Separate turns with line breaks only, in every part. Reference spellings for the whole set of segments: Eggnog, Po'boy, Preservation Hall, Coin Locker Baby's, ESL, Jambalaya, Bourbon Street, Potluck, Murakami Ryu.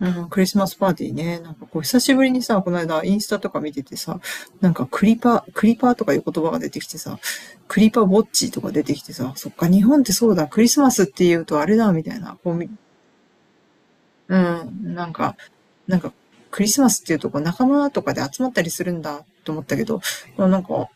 うん、クリスマスパーティーね。なんかこう、久しぶりにさ、この間インスタとか見ててさ、なんかクリパーとかいう言葉が出てきてさ、クリパーウォッチとか出てきてさ、そっか、日本ってそうだ、クリスマスって言うとあれだ、みたいな。こうみ、うん、なんか、クリスマスっていうとこう仲間とかで集まったりするんだと思ったけど、なんか、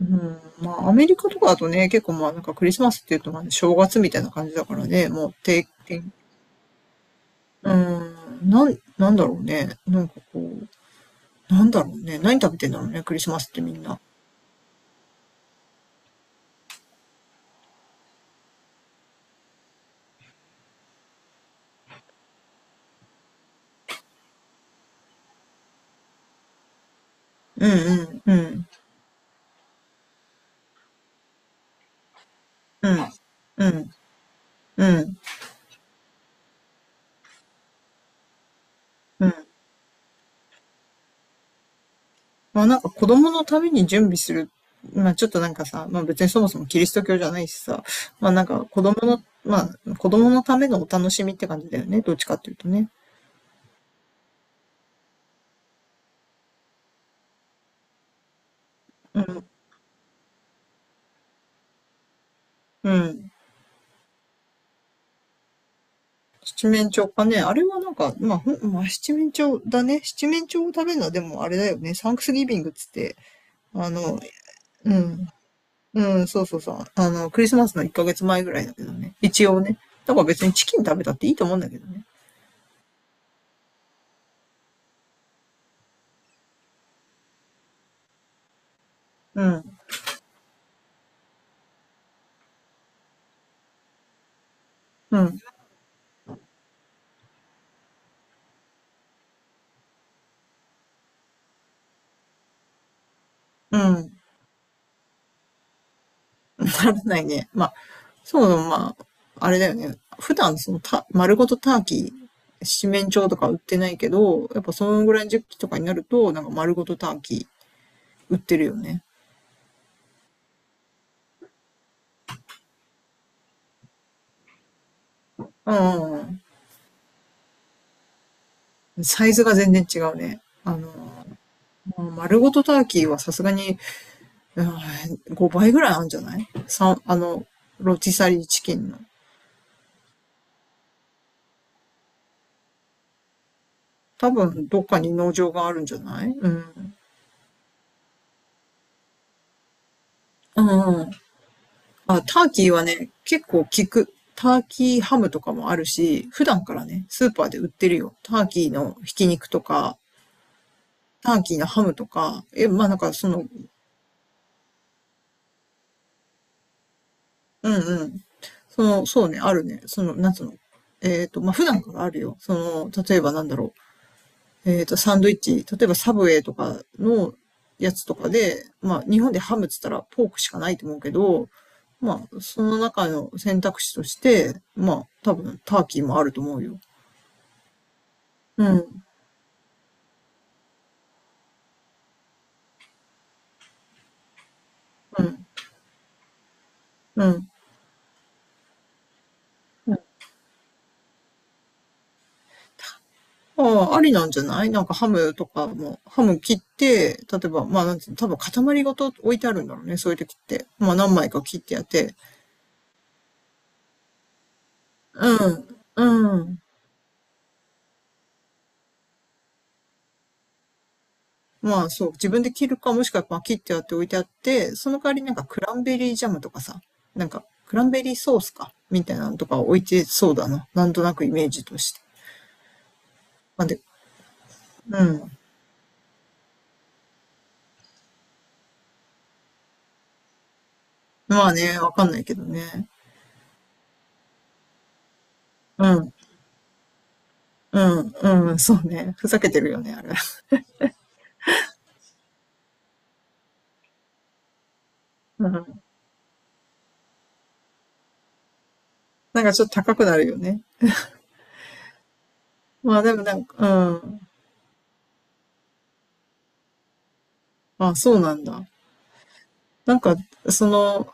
うん、まあアメリカとかだとね、結構まあなんかクリスマスっていうとまあ正月みたいな感じだからね、もう定点、うん、なんだろうね。なんかこう、なんだろうね。何食べてんだろうね、クリスマスってみんな。うんうんうんうんうんうんうん。まあなんか子供のために準備する。まあちょっとなんかさ、まあ別にそもそもキリスト教じゃないしさ、まあなんか子供のためのお楽しみって感じだよね。どっちかっていうとね。うんうん。七面鳥かね。あれはなんか、まあ、七面鳥だね。七面鳥を食べるのはでもあれだよね。サンクスギビングっつって、あの、うん。うん、そうそうそう。クリスマスの1ヶ月前ぐらいだけどね。一応ね。だから別にチキン食べたっていいと思うんだけどね。うん、うん、うん。ならないね。まあ、そうだ、まあ、あれだよね。普段そのた、丸ごとターキー、七面鳥とか売ってないけど、やっぱそのぐらいの時期とかになると、なんか丸ごとターキー売ってるよね。うん、うんうん。サイズが全然違うね。まあ丸ごとターキーはさすがに5倍ぐらいあるんじゃない？三あの、ロティサリーチキンの。多分、どっかに農場があるんじゃない？うん。うんうん。あ、ターキーはね、結構効く。ターキーハムとかもあるし、普段からね、スーパーで売ってるよ。ターキーのひき肉とか、ターキーのハムとか、まあなんかその、うんうん。その、そうね、あるね。その、なんつうの。まあ普段からあるよ。その、例えばなんだろう。サンドイッチ、例えばサブウェイとかのやつとかで、まあ、日本でハムっつったらポークしかないと思うけど、まあ、その中の選択肢として、まあ、多分、ターキーもあると思うよ。うん、うん、うん。ああ、ありなんじゃない？なんかハムとかも、ハム切って、例えば、まあ、なんていうの、多分塊ごと置いてあるんだろうね、そういう時って。まあ、何枚か切ってやって。うん、うん。まあそう、自分で切るか、もしくはまあ切ってあって置いてあって、その代わりなんかクランベリージャムとかさ、なんかクランベリーソースか、みたいなのとか置いてそうだな。なんとなくイメージとして。まあで、うん。まあね、わかんないけどね。うん、うん、うん、そうね。ふざけてるよね、あれ。うん。なんかちょっと高くなるよね。まあでもなんか、うん。あ、そうなんだ。なんか、その、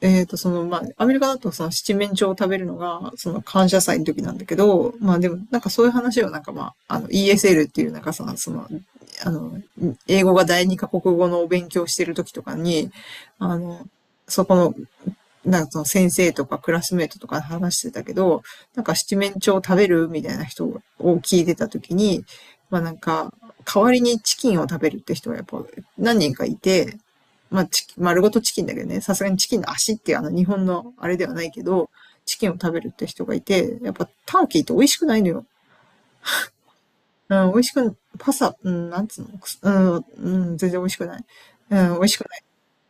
その、まあ、アメリカだとその七面鳥を食べるのが、その感謝祭の時なんだけど、まあでも、なんかそういう話をなんかまあ、あの ESL っていうなんかさ、その、あの、英語が第二カ国語のお勉強してる時とかに、あの、そこのなんかその先生とかクラスメートとか話してたけど、なんか七面鳥食べるみたいな人を聞いてた時に、まあなんか、代わりにチキンを食べるって人がやっぱ何人かいて、まあチキン、丸ごとチキンだけどね、さすがにチキンの足っていうあの日本のあれではないけど、チキンを食べるって人がいて、やっぱターキーって美味しくないのよ。うん、美味しく、パサ、うん、なんつうの、うん、うん、全然美味しくない。うん、美味しく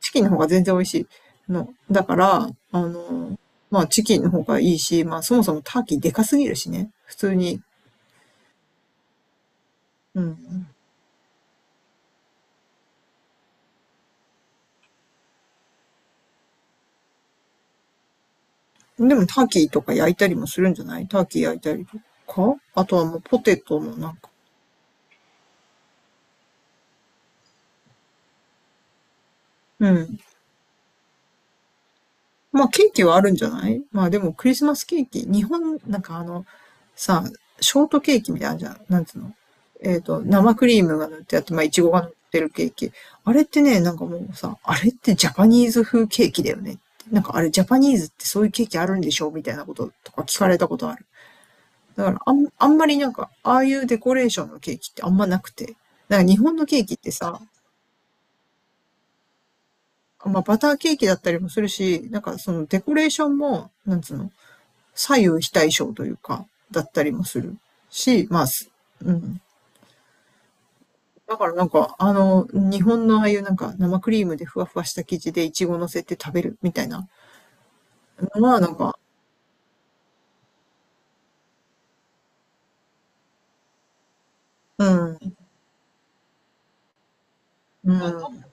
チキンの方が全然美味しいの。だから、まあチキンの方がいいし、まあそもそもターキーでかすぎるしね。普通に。うん。でもターキーとか焼いたりもするんじゃない？ターキー焼いたりとか。あとはもうポテトもなんか。うん。まあケーキはあるんじゃない？まあでもクリスマスケーキ、日本、なんかさ、ショートケーキみたいなのあるじゃん。なんつうの？生クリームが塗ってあって、まあいちごが塗ってるケーキ。あれってね、なんかもうさ、あれってジャパニーズ風ケーキだよね？なんかあれジャパニーズってそういうケーキあるんでしょ？みたいなこととか聞かれたことある。だからあんまりなんか、ああいうデコレーションのケーキってあんまなくて。なんか日本のケーキってさ、まあバターケーキだったりもするし、なんかそのデコレーションも、なんつうの、左右非対称というか、だったりもするし、まあ、うん。だからなんか、日本のああいうなんか生クリームでふわふわした生地でイチゴ乗せて食べるみたいなのはなんか、うん、うん、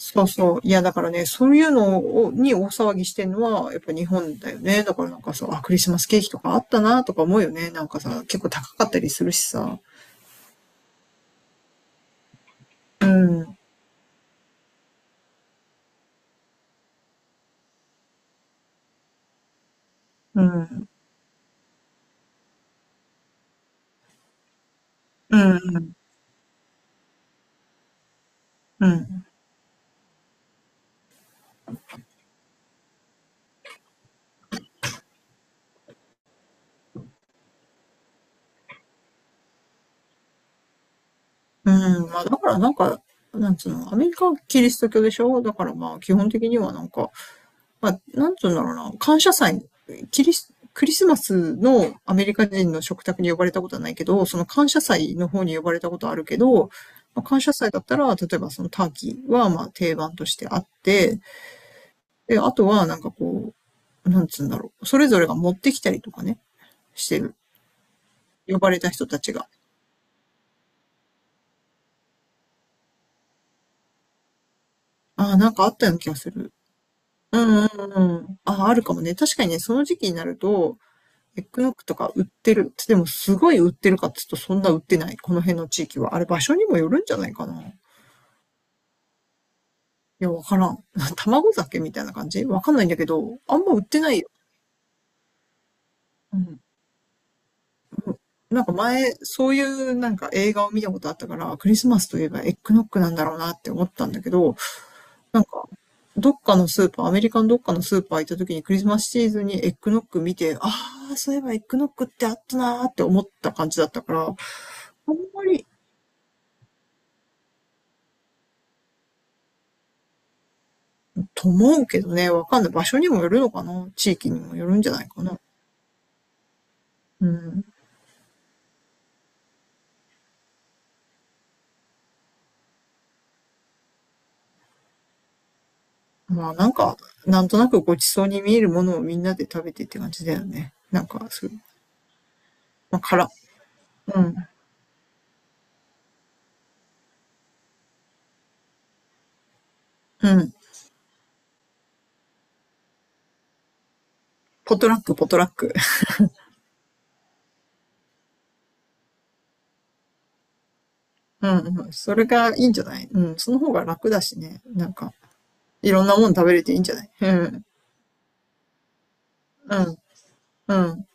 そうそう。いや、だからね、そういうのに大騒ぎしてるのは、やっぱ日本だよね。だからなんかさ、あ、クリスマスケーキとかあったなとか思うよね。なんかさ、結構高かったりするしさ。うん、うん、うん、うん、うん。うん、まあだからなんか、なんつうの、アメリカはキリスト教でしょ？だからまあ基本的にはなんか、まあなんつうんだろうな、感謝祭、キリス、クリスマスのアメリカ人の食卓に呼ばれたことはないけど、その感謝祭の方に呼ばれたことはあるけど、まあ、感謝祭だったら、例えばそのターキーはまあ定番としてあって、で、あとはなんかこう、なんつうんだろう、それぞれが持ってきたりとかね、してる。呼ばれた人たちが。ああ、なんかあったような気がする。うんうんうん。ああ、るかもね。確かにね、その時期になると、エッグノックとか売ってる。でも、すごい売ってるかっつうと、そんな売ってない。この辺の地域は。あれ、場所にもよるんじゃないかな。いや、わからん。卵酒みたいな感じ？わかんないんだけど、あんま売ってないよ。うん。なんか前、そういうなんか映画を見たことあったから、クリスマスといえばエッグノックなんだろうなって思ったんだけど、なんか、どっかのスーパー、アメリカのどっかのスーパー行った時にクリスマスシーズンにエッグノッグ見て、ああ、そういえばエッグノッグってあったなーって思った感じだったから、あんまり、と思うけどね、わかんない。場所にもよるのかな？地域にもよるんじゃないかな。うん。まあなんか、なんとなくごちそうに見えるものをみんなで食べてって感じだよね。なんか、そういう、まあ。うん。うん。ポトラック、ポトラック。うん、うん。それがいいんじゃない？うん。その方が楽だしね。なんか、いろんなもん食べれていいんじゃない？うん。うん、うん。